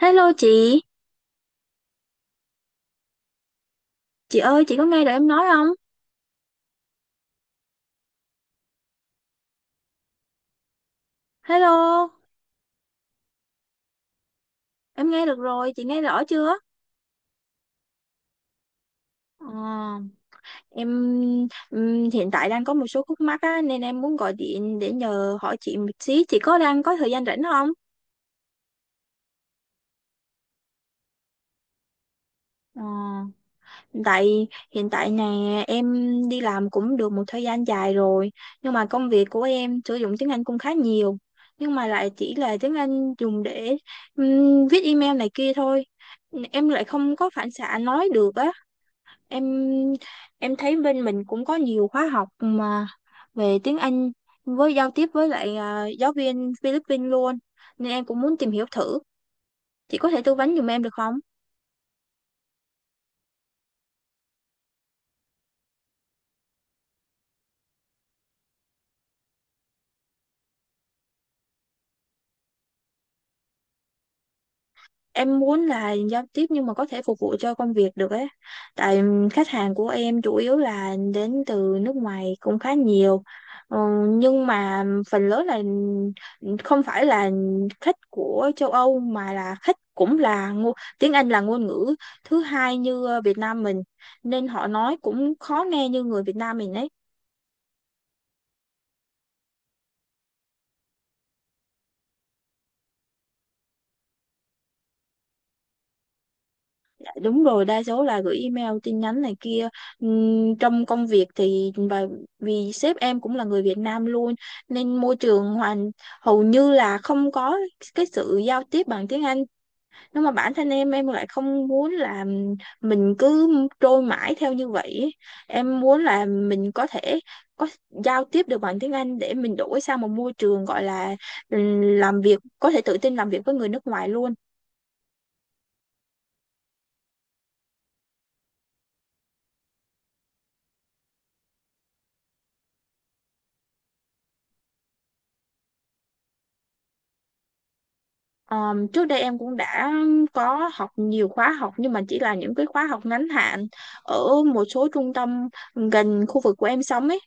Hello chị ơi chị có nghe được em nói không? Hello, em nghe được rồi, chị nghe rõ chưa? Ờ, em Hiện tại đang có một số khúc mắc á, nên em muốn gọi điện để nhờ hỏi chị một xí. Chị có đang có thời gian rảnh không? Ờ, hiện tại hiện tại nè, em đi làm cũng được một thời gian dài rồi, nhưng mà công việc của em sử dụng tiếng Anh cũng khá nhiều, nhưng mà lại chỉ là tiếng Anh dùng để viết email này kia thôi. Em lại không có phản xạ nói được á. Em em thấy bên mình cũng có nhiều khóa học mà về tiếng Anh với giao tiếp với lại giáo viên Philippines luôn, nên em cũng muốn tìm hiểu thử. Chị có thể tư vấn giùm em được không? Em muốn là giao tiếp nhưng mà có thể phục vụ cho công việc được ấy, tại khách hàng của em chủ yếu là đến từ nước ngoài cũng khá nhiều. Ờ, nhưng mà phần lớn là không phải là khách của châu Âu, mà là khách cũng là tiếng Anh là ngôn ngữ thứ hai như Việt Nam mình, nên họ nói cũng khó nghe như người Việt Nam mình ấy. Đúng rồi, đa số là gửi email tin nhắn này kia. Trong công việc thì vì sếp em cũng là người Việt Nam luôn, nên môi trường hầu như là không có cái sự giao tiếp bằng tiếng Anh, nhưng mà bản thân em lại không muốn là mình cứ trôi mãi theo như vậy ấy. Em muốn là mình có thể có giao tiếp được bằng tiếng Anh để mình đổi sang một môi trường gọi là làm việc, có thể tự tin làm việc với người nước ngoài luôn. Trước đây em cũng đã có học nhiều khóa học, nhưng mà chỉ là những cái khóa học ngắn hạn ở một số trung tâm gần khu vực của em sống ấy.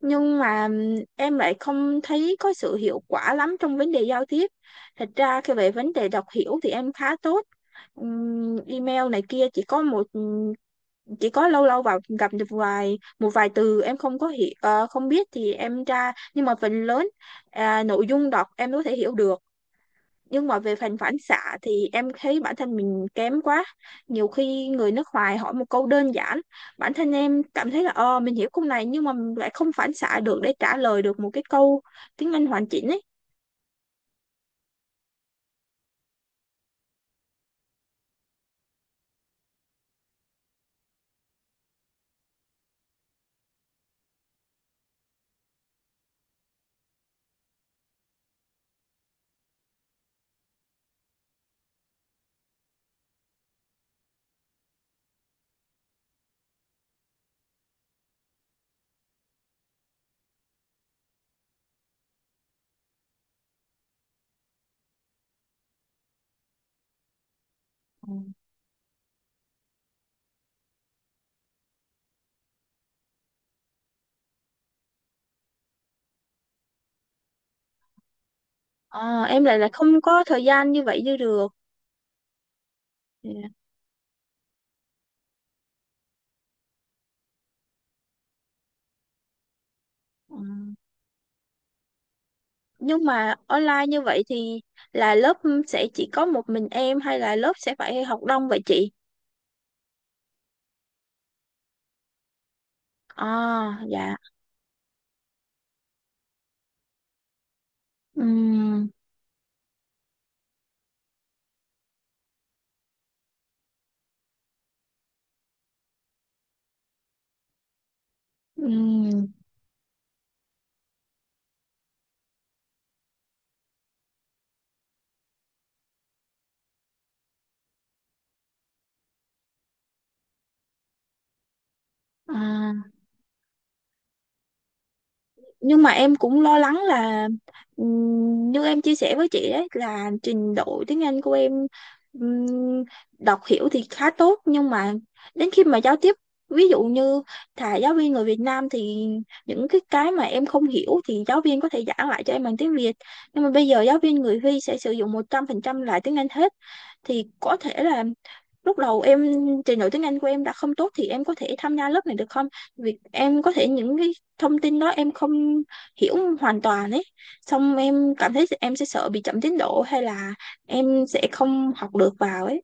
Nhưng mà em lại không thấy có sự hiệu quả lắm trong vấn đề giao tiếp. Thật ra khi về vấn đề đọc hiểu thì em khá tốt. Email này kia chỉ có một chỉ có lâu lâu vào gặp được một vài từ em không có hiểu, không biết thì em tra, nhưng mà phần lớn nội dung đọc em có thể hiểu được, nhưng mà về phần phản xạ thì em thấy bản thân mình kém quá. Nhiều khi người nước ngoài hỏi một câu đơn giản, bản thân em cảm thấy là mình hiểu câu này, nhưng mà mình lại không phản xạ được để trả lời được một cái câu tiếng Anh hoàn chỉnh ấy. Ờ, em lại là không có thời gian như vậy như được. Dạ. Ừ. Nhưng mà online như vậy thì là lớp sẽ chỉ có một mình em hay là lớp sẽ phải học đông vậy chị? À, dạ. Ừm, ừm, à. Nhưng mà em cũng lo lắng là, như em chia sẻ với chị đấy, là trình độ tiếng Anh của em ừm, đọc hiểu thì khá tốt, nhưng mà đến khi mà giao tiếp, ví dụ như thà giáo viên người Việt Nam thì những cái mà em không hiểu thì giáo viên có thể giảng lại cho em bằng tiếng Việt, nhưng mà bây giờ giáo viên người Huy sẽ sử dụng 100% lại tiếng Anh hết, thì có thể là lúc đầu em, trình độ tiếng Anh của em đã không tốt thì em có thể tham gia lớp này được không? Việc em có thể những cái thông tin đó em không hiểu hoàn toàn ấy. Xong em cảm thấy em sẽ sợ bị chậm tiến độ hay là em sẽ không học được vào ấy.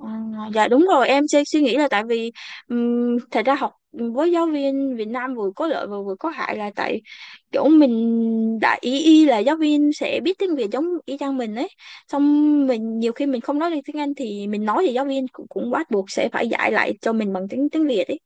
Ờ, dạ đúng rồi, em suy nghĩ là tại vì thật ra học với giáo viên Việt Nam vừa có lợi và vừa có hại, là tại kiểu mình đã ý y là giáo viên sẽ biết tiếng Việt giống y chang mình ấy, xong mình nhiều khi mình không nói được tiếng Anh thì mình nói, thì giáo viên cũng bắt buộc sẽ phải dạy lại cho mình bằng tiếng tiếng Việt ấy.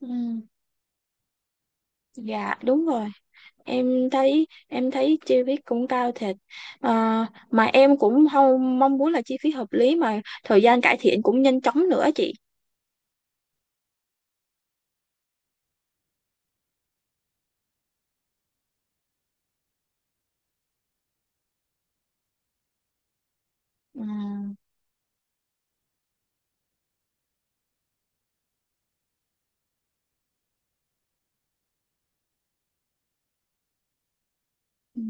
ừ, dạ đúng rồi, em thấy chi phí cũng cao thiệt. Mà em cũng không mong muốn là chi phí hợp lý mà thời gian cải thiện cũng nhanh chóng nữa chị. Ừ. Ừ,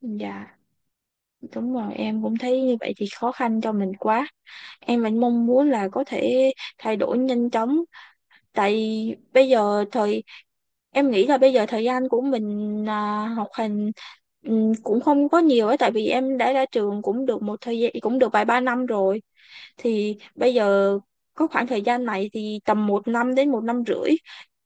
dạ đúng rồi, em cũng thấy như vậy thì khó khăn cho mình quá. Em vẫn mong muốn là có thể thay đổi nhanh chóng, tại bây giờ em nghĩ là bây giờ thời gian của mình, học hành cũng không có nhiều ấy, tại vì em đã ra trường cũng được một thời gian, cũng được vài ba năm rồi, thì bây giờ có khoảng thời gian này thì tầm một năm đến một năm rưỡi,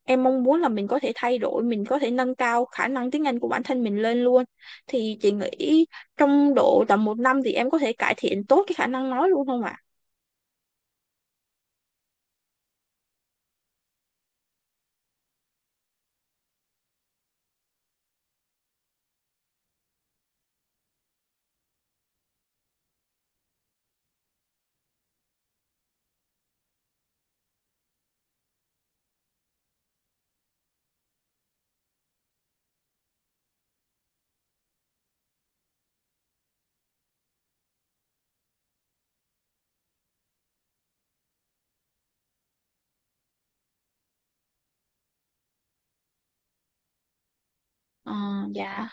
em mong muốn là mình có thể thay đổi, mình có thể nâng cao khả năng tiếng Anh của bản thân mình lên luôn. Thì chị nghĩ trong độ tầm một năm thì em có thể cải thiện tốt cái khả năng nói luôn không ạ? Ờ, dạ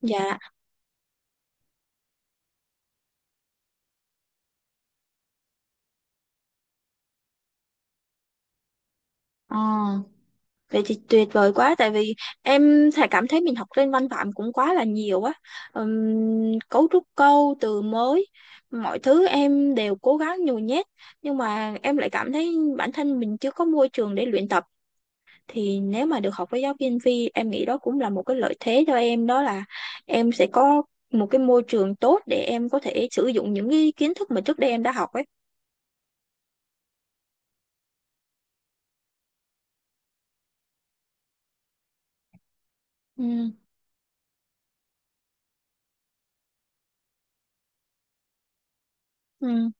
dạ. Ờ. Vậy thì tuyệt vời quá, tại vì em thà cảm thấy mình học lên văn phạm cũng quá là nhiều á. Cấu trúc câu từ mới, mọi thứ em đều cố gắng nhồi nhét, nhưng mà em lại cảm thấy bản thân mình chưa có môi trường để luyện tập. Thì nếu mà được học với giáo viên Vi, em nghĩ đó cũng là một cái lợi thế cho em, đó là em sẽ có một cái môi trường tốt để em có thể sử dụng những cái kiến thức mà trước đây em đã học ấy. Ừ. Ừ.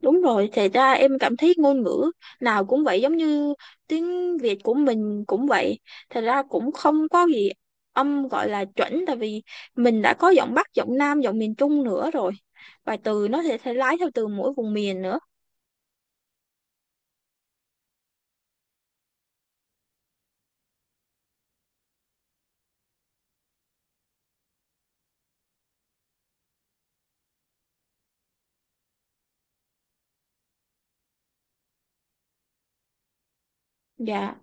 Đúng rồi, thì ra em cảm thấy ngôn ngữ nào cũng vậy, giống như tiếng Việt của mình cũng vậy. Thật ra cũng không có gì âm gọi là chuẩn, tại vì mình đã có giọng Bắc, giọng Nam, giọng miền Trung nữa rồi. Và từ nó sẽ lái theo từ mỗi vùng miền nữa. Dạ.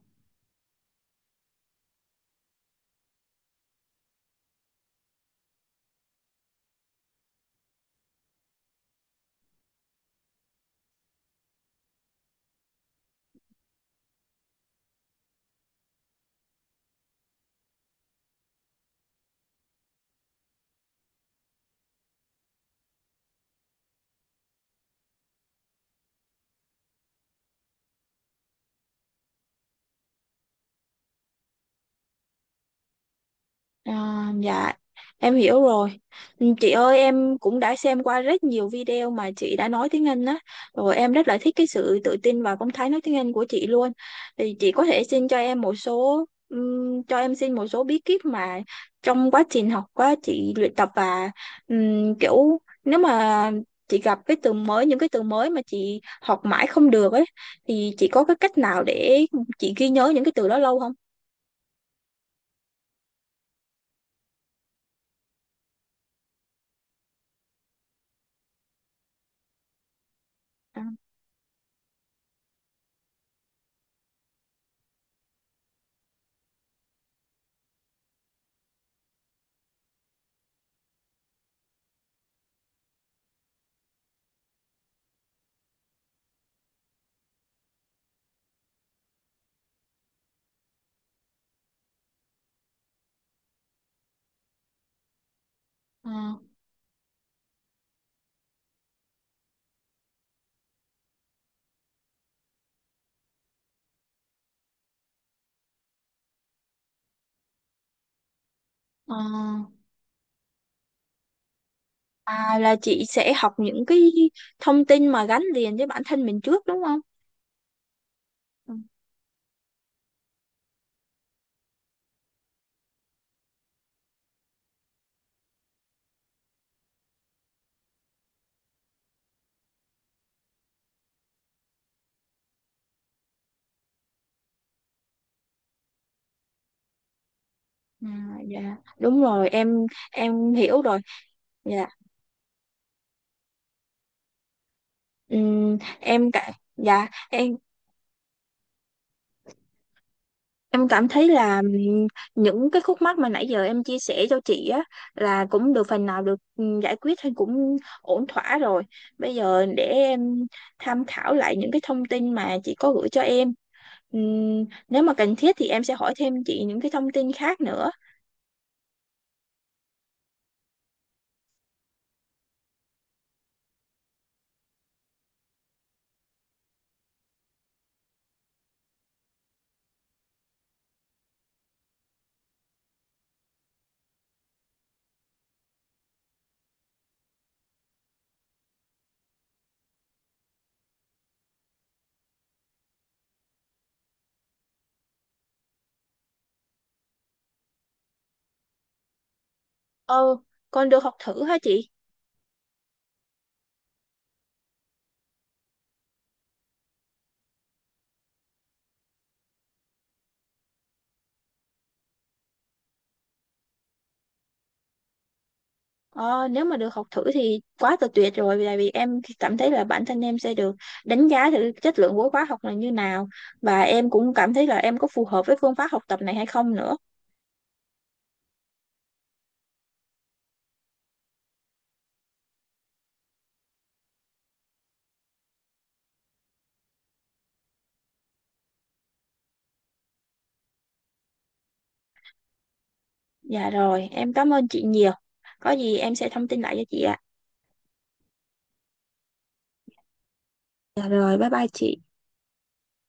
À, dạ em hiểu rồi. Ừ, chị ơi, em cũng đã xem qua rất nhiều video mà chị đã nói tiếng Anh á, rồi em rất là thích cái sự tự tin và phong thái nói tiếng Anh của chị luôn. Thì chị có thể xin cho em một số, cho em xin một số bí kíp mà trong quá trình học quá chị luyện tập, và kiểu nếu mà chị gặp cái từ mới, mà chị học mãi không được ấy, thì chị có cái cách nào để chị ghi nhớ những cái từ đó lâu không? À, à, à. À là chị sẽ học những cái thông tin mà gắn liền với bản thân mình trước, đúng không? Ừ. À, dạ đúng rồi, em hiểu rồi dạ. Em cả Dạ em cảm thấy là những cái khúc mắc mà nãy giờ em chia sẻ cho chị á, là cũng được phần nào được giải quyết hay cũng ổn thỏa rồi. Bây giờ để em tham khảo lại những cái thông tin mà chị có gửi cho em. Nếu mà cần thiết thì em sẽ hỏi thêm chị những cái thông tin khác nữa. Ờ, con được học thử hả chị? Ờ, Nếu mà được học thử thì quá là tuyệt rồi, tại vì em cảm thấy là bản thân em sẽ được đánh giá thử chất lượng của khóa học là như nào, và em cũng cảm thấy là em có phù hợp với phương pháp học tập này hay không nữa. Dạ rồi, em cảm ơn chị nhiều. Có gì em sẽ thông tin lại cho chị ạ. Dạ rồi, bye bye chị.